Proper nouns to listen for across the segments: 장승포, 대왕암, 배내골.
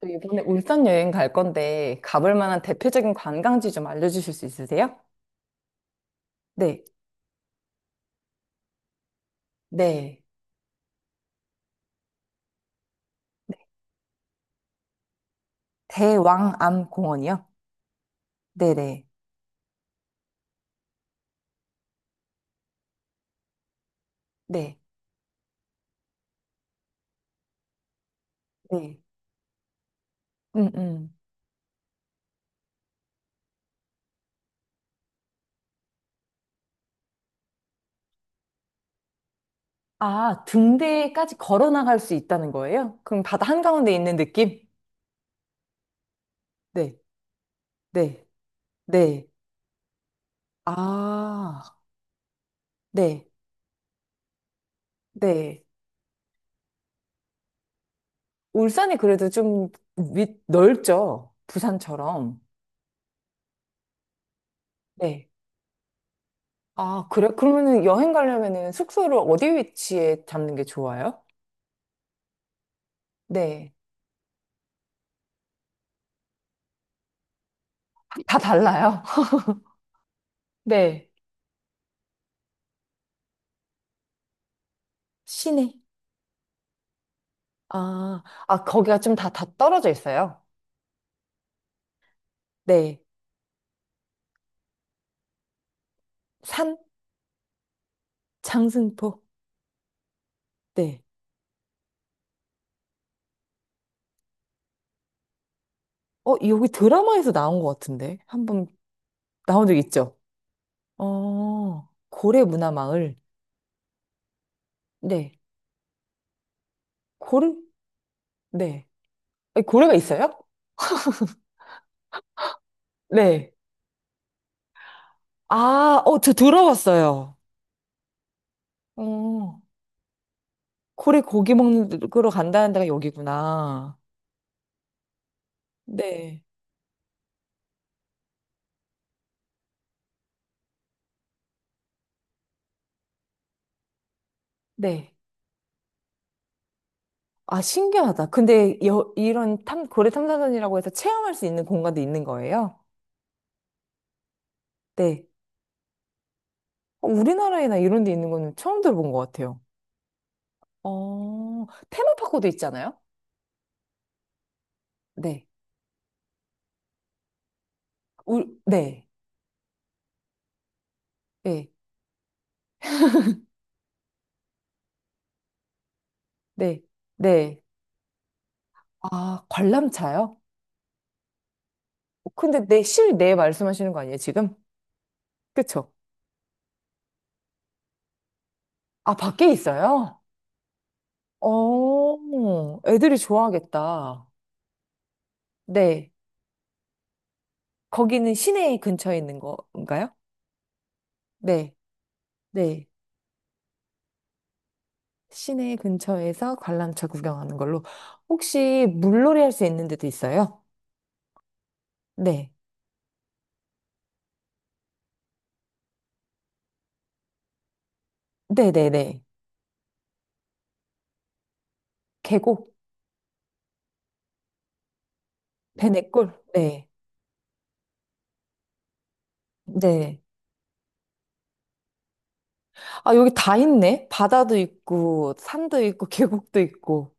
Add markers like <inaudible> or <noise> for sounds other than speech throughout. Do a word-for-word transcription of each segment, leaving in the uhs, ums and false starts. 저 이번에 울산 여행 갈 건데 가볼 만한 대표적인 관광지 좀 알려주실 수 있으세요? 네, 네. 대왕암 공원이요? 네네. 네, 네. 음, 음. 아, 등대까지 걸어 나갈 수 있다는 거예요? 그럼 바다 한가운데 있는 느낌? 네, 네, 네. 아, 네, 네. 울산이 그래도 좀 위, 넓죠? 부산처럼. 네. 아, 그래? 그러면은 여행 가려면은 숙소를 어디 위치에 잡는 게 좋아요? 네. 다 달라요? <laughs> 네. 시내. 아, 아, 거기가 좀 다, 다 떨어져 있어요. 네. 산, 장승포. 네. 어, 여기 드라마에서 나온 것 같은데. 한번 나온 적 있죠? 어, 고래 문화마을. 네. 고래? 네. 아니, 고래가 있어요? 네. 아, 어, 저 들어봤어요. 어, 고래 고기 먹으러 간다는 데가 여기구나. 네. 네. 아, 신기하다. 근데 여, 이런 탐, 고래 탐사선이라고 해서 체험할 수 있는 공간도 있는 거예요? 네. 어, 우리나라에나 이런 데 있는 거는 처음 들어본 것 같아요. 어, 테마파크도 있잖아요? 네. 우, 네. 네. 네. 네. 아, 관람차요? 어, 근데 내 실내 말씀하시는 거 아니에요, 지금? 그쵸? 아, 밖에 있어요? 어, 애들이 좋아하겠다. 네. 거기는 시내 근처에 있는 건가요? 네. 네. 시내 근처에서 관람차 구경하는 걸로. 혹시 물놀이 할 수 있는 데도 있어요? 네. 네네네. 계곡, 배내골. 네. 네. 아, 여기 다 있네. 바다도 있고, 산도 있고, 계곡도 있고.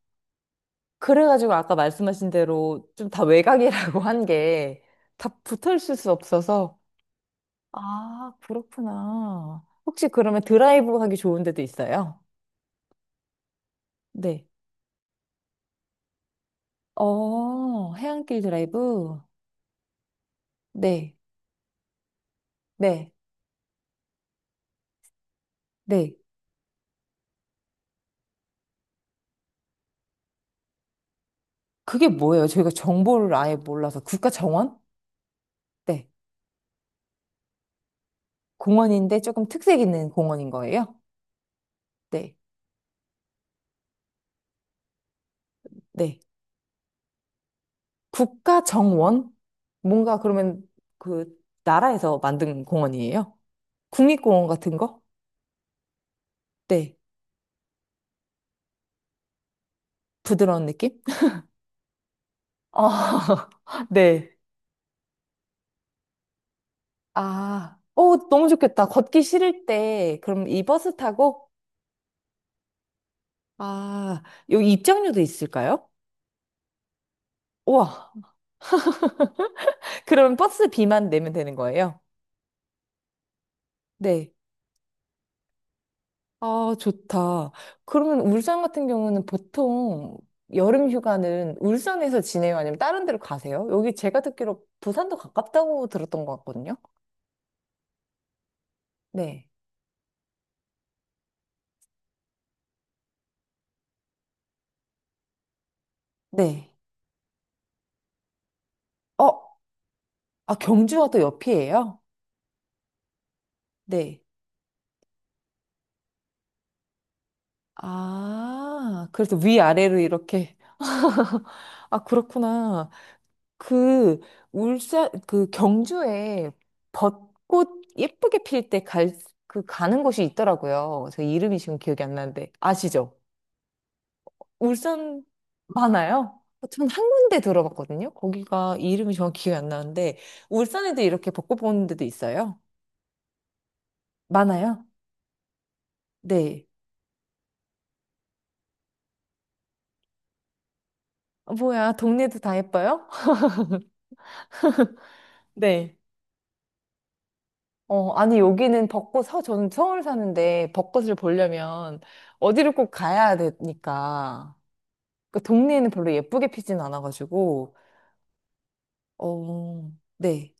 그래가지고 아까 말씀하신 대로 좀 다 외곽이라고 한 게 다 붙어 있을 수 없어서. 아, 그렇구나. 혹시 그러면 드라이브 하기 좋은 데도 있어요? 네. 어, 해안길 드라이브? 네. 네. 네. 그게 뭐예요? 저희가 정보를 아예 몰라서 국가 정원? 네. 공원인데 조금 특색 있는 공원인 거예요? 네. 네. 국가 정원? 뭔가 그러면 그 나라에서 만든 공원이에요? 국립공원 같은 거? 네. 부드러운 느낌? 아, <laughs> 네. 아, 오, 너무 좋겠다. 걷기 싫을 때, 그럼 이 버스 타고? 아, 여기 입장료도 있을까요? 우와. <laughs> 그럼 버스 비만 내면 되는 거예요? 네. 아, 좋다. 그러면 울산 같은 경우는 보통 여름 휴가는 울산에서 지내요? 아니면 다른 데로 가세요? 여기 제가 듣기로 부산도 가깝다고 들었던 것 같거든요. 네. 네. 어, 아, 경주와 또 옆이에요? 네. 아, 그래서 위아래로 이렇게. 아, 그렇구나. 그, 울산, 그 경주에 벚꽃 예쁘게 필 때 갈, 그 가는 곳이 있더라고요. 저 이름이 지금 기억이 안 나는데. 아시죠? 울산 많아요? 전 한 군데 들어봤거든요. 거기가 이름이 정확히 기억이 안 나는데 울산에도 이렇게 벚꽃 보는 데도 있어요. 많아요? 네. 어, 뭐야, 동네도 다 예뻐요? <laughs> 네. 어, 아니 여기는 벚꽃 서 저는 서울 사는데 벚꽃을 보려면 어디를 꼭 가야 되니까 그 동네에는 별로 예쁘게 피진 않아가지고 어, 네.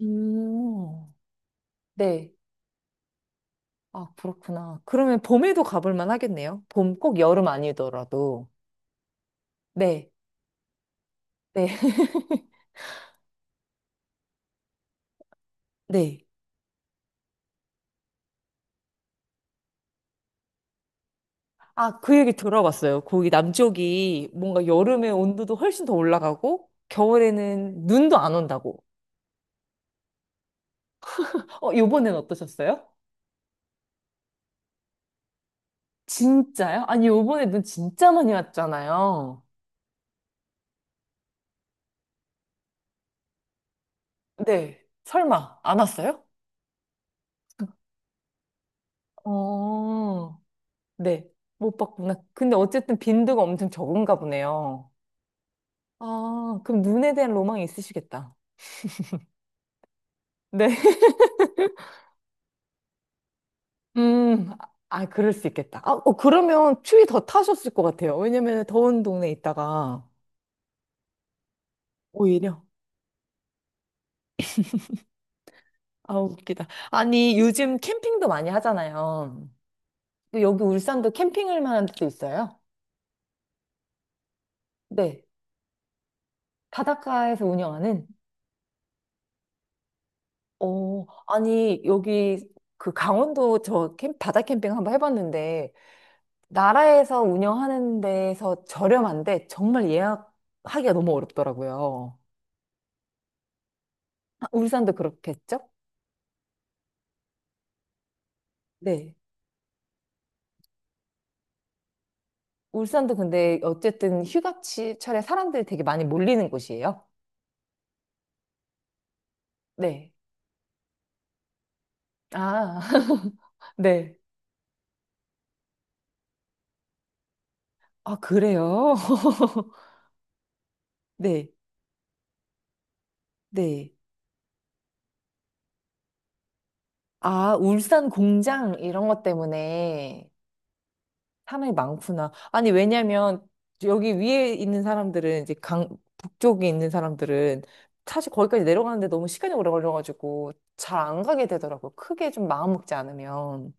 음, 네. 아, 그렇구나. 그러면 봄에도 가볼 만하겠네요. 봄 꼭 여름 아니더라도. 네, 네, <laughs> 네. 아, 그 얘기 들어봤어요. 거기 남쪽이 뭔가 여름에 온도도 훨씬 더 올라가고, 겨울에는 눈도 안 온다고. 어, 요번엔 어떠셨어요? 진짜요? 아니, 요번에 눈 진짜 많이 왔잖아요. 네. 설마, 안 왔어요? 어, 네. 못 봤구나. 근데 어쨌든 빈도가 엄청 적은가 보네요. 아, 그럼 눈에 대한 로망이 있으시겠다. 네. 음, 아, 그럴 수 있겠다. 아, 어, 그러면 추위 더 타셨을 것 같아요. 왜냐면 더운 동네에 있다가 오히려. 아, 웃기다. 아니, 요즘 캠핑도 많이 하잖아요. 또 여기 울산도 캠핑을 만한 데도 있어요? 네. 바닷가에서 운영하는? 어, 아니, 여기 그 강원도 저 캠, 바다 캠핑 한번 해봤는데, 나라에서 운영하는 데에서 저렴한데, 정말 예약하기가 너무 어렵더라고요. 아, 울산도 그렇겠죠? 네. 울산도 근데 어쨌든 휴가철에 사람들이 되게 많이 몰리는 곳이에요. 네. 아, <laughs> 네. 아, 그래요? <laughs> 네, 네. 아, 울산 공장 이런 것 때문에 사람이 많구나. 아니, 왜냐면 여기 위에 있는 사람들은 이제 강, 북쪽에 있는 사람들은 사실 거기까지 내려가는데 너무 시간이 오래 걸려가지고 잘 안 가게 되더라고요. 크게 좀 마음 먹지 않으면.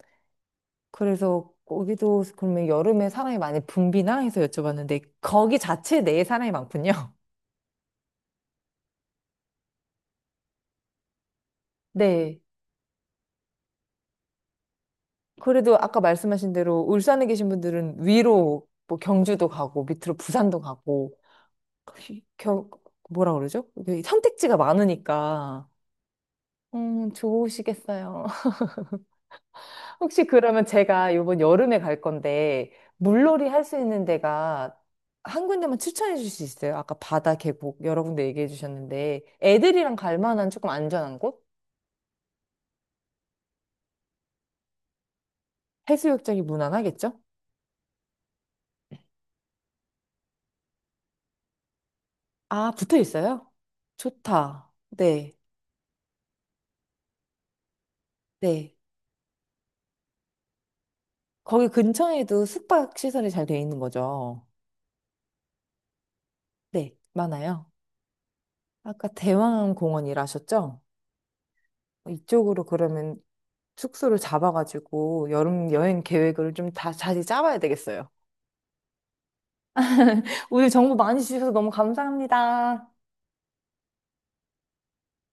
그래서 거기도 그러면 여름에 사람이 많이 붐비나 해서 여쭤봤는데 거기 자체 내에 사람이 많군요. <laughs> 네. 그래도 아까 말씀하신 대로 울산에 계신 분들은 위로 뭐 경주도 가고 밑으로 부산도 가고 이 겨, 뭐라 그러죠? 이게 선택지가 많으니까 음, 좋으시겠어요. 혹시 그러면 제가 이번 여름에 갈 건데, 물놀이 할 수 있는 데가 한 군데만 추천해 줄 수 있어요? 아까 바다, 계곡 여러 군데 얘기해 주셨는데, 애들이랑 갈 만한 조금 안전한 곳? 해수욕장이 무난하겠죠? 아, 붙어 있어요? 좋다. 네, 네. 거기 근처에도 숙박 시설이 잘 돼 있는 거죠? 네, 많아요. 아까 대왕공원이라 하셨죠? 이쪽으로 그러면 숙소를 잡아가지고 여름 여행 계획을 좀 다 자세히 짜봐야 되겠어요. 오늘 정보 많이 주셔서 너무 감사합니다.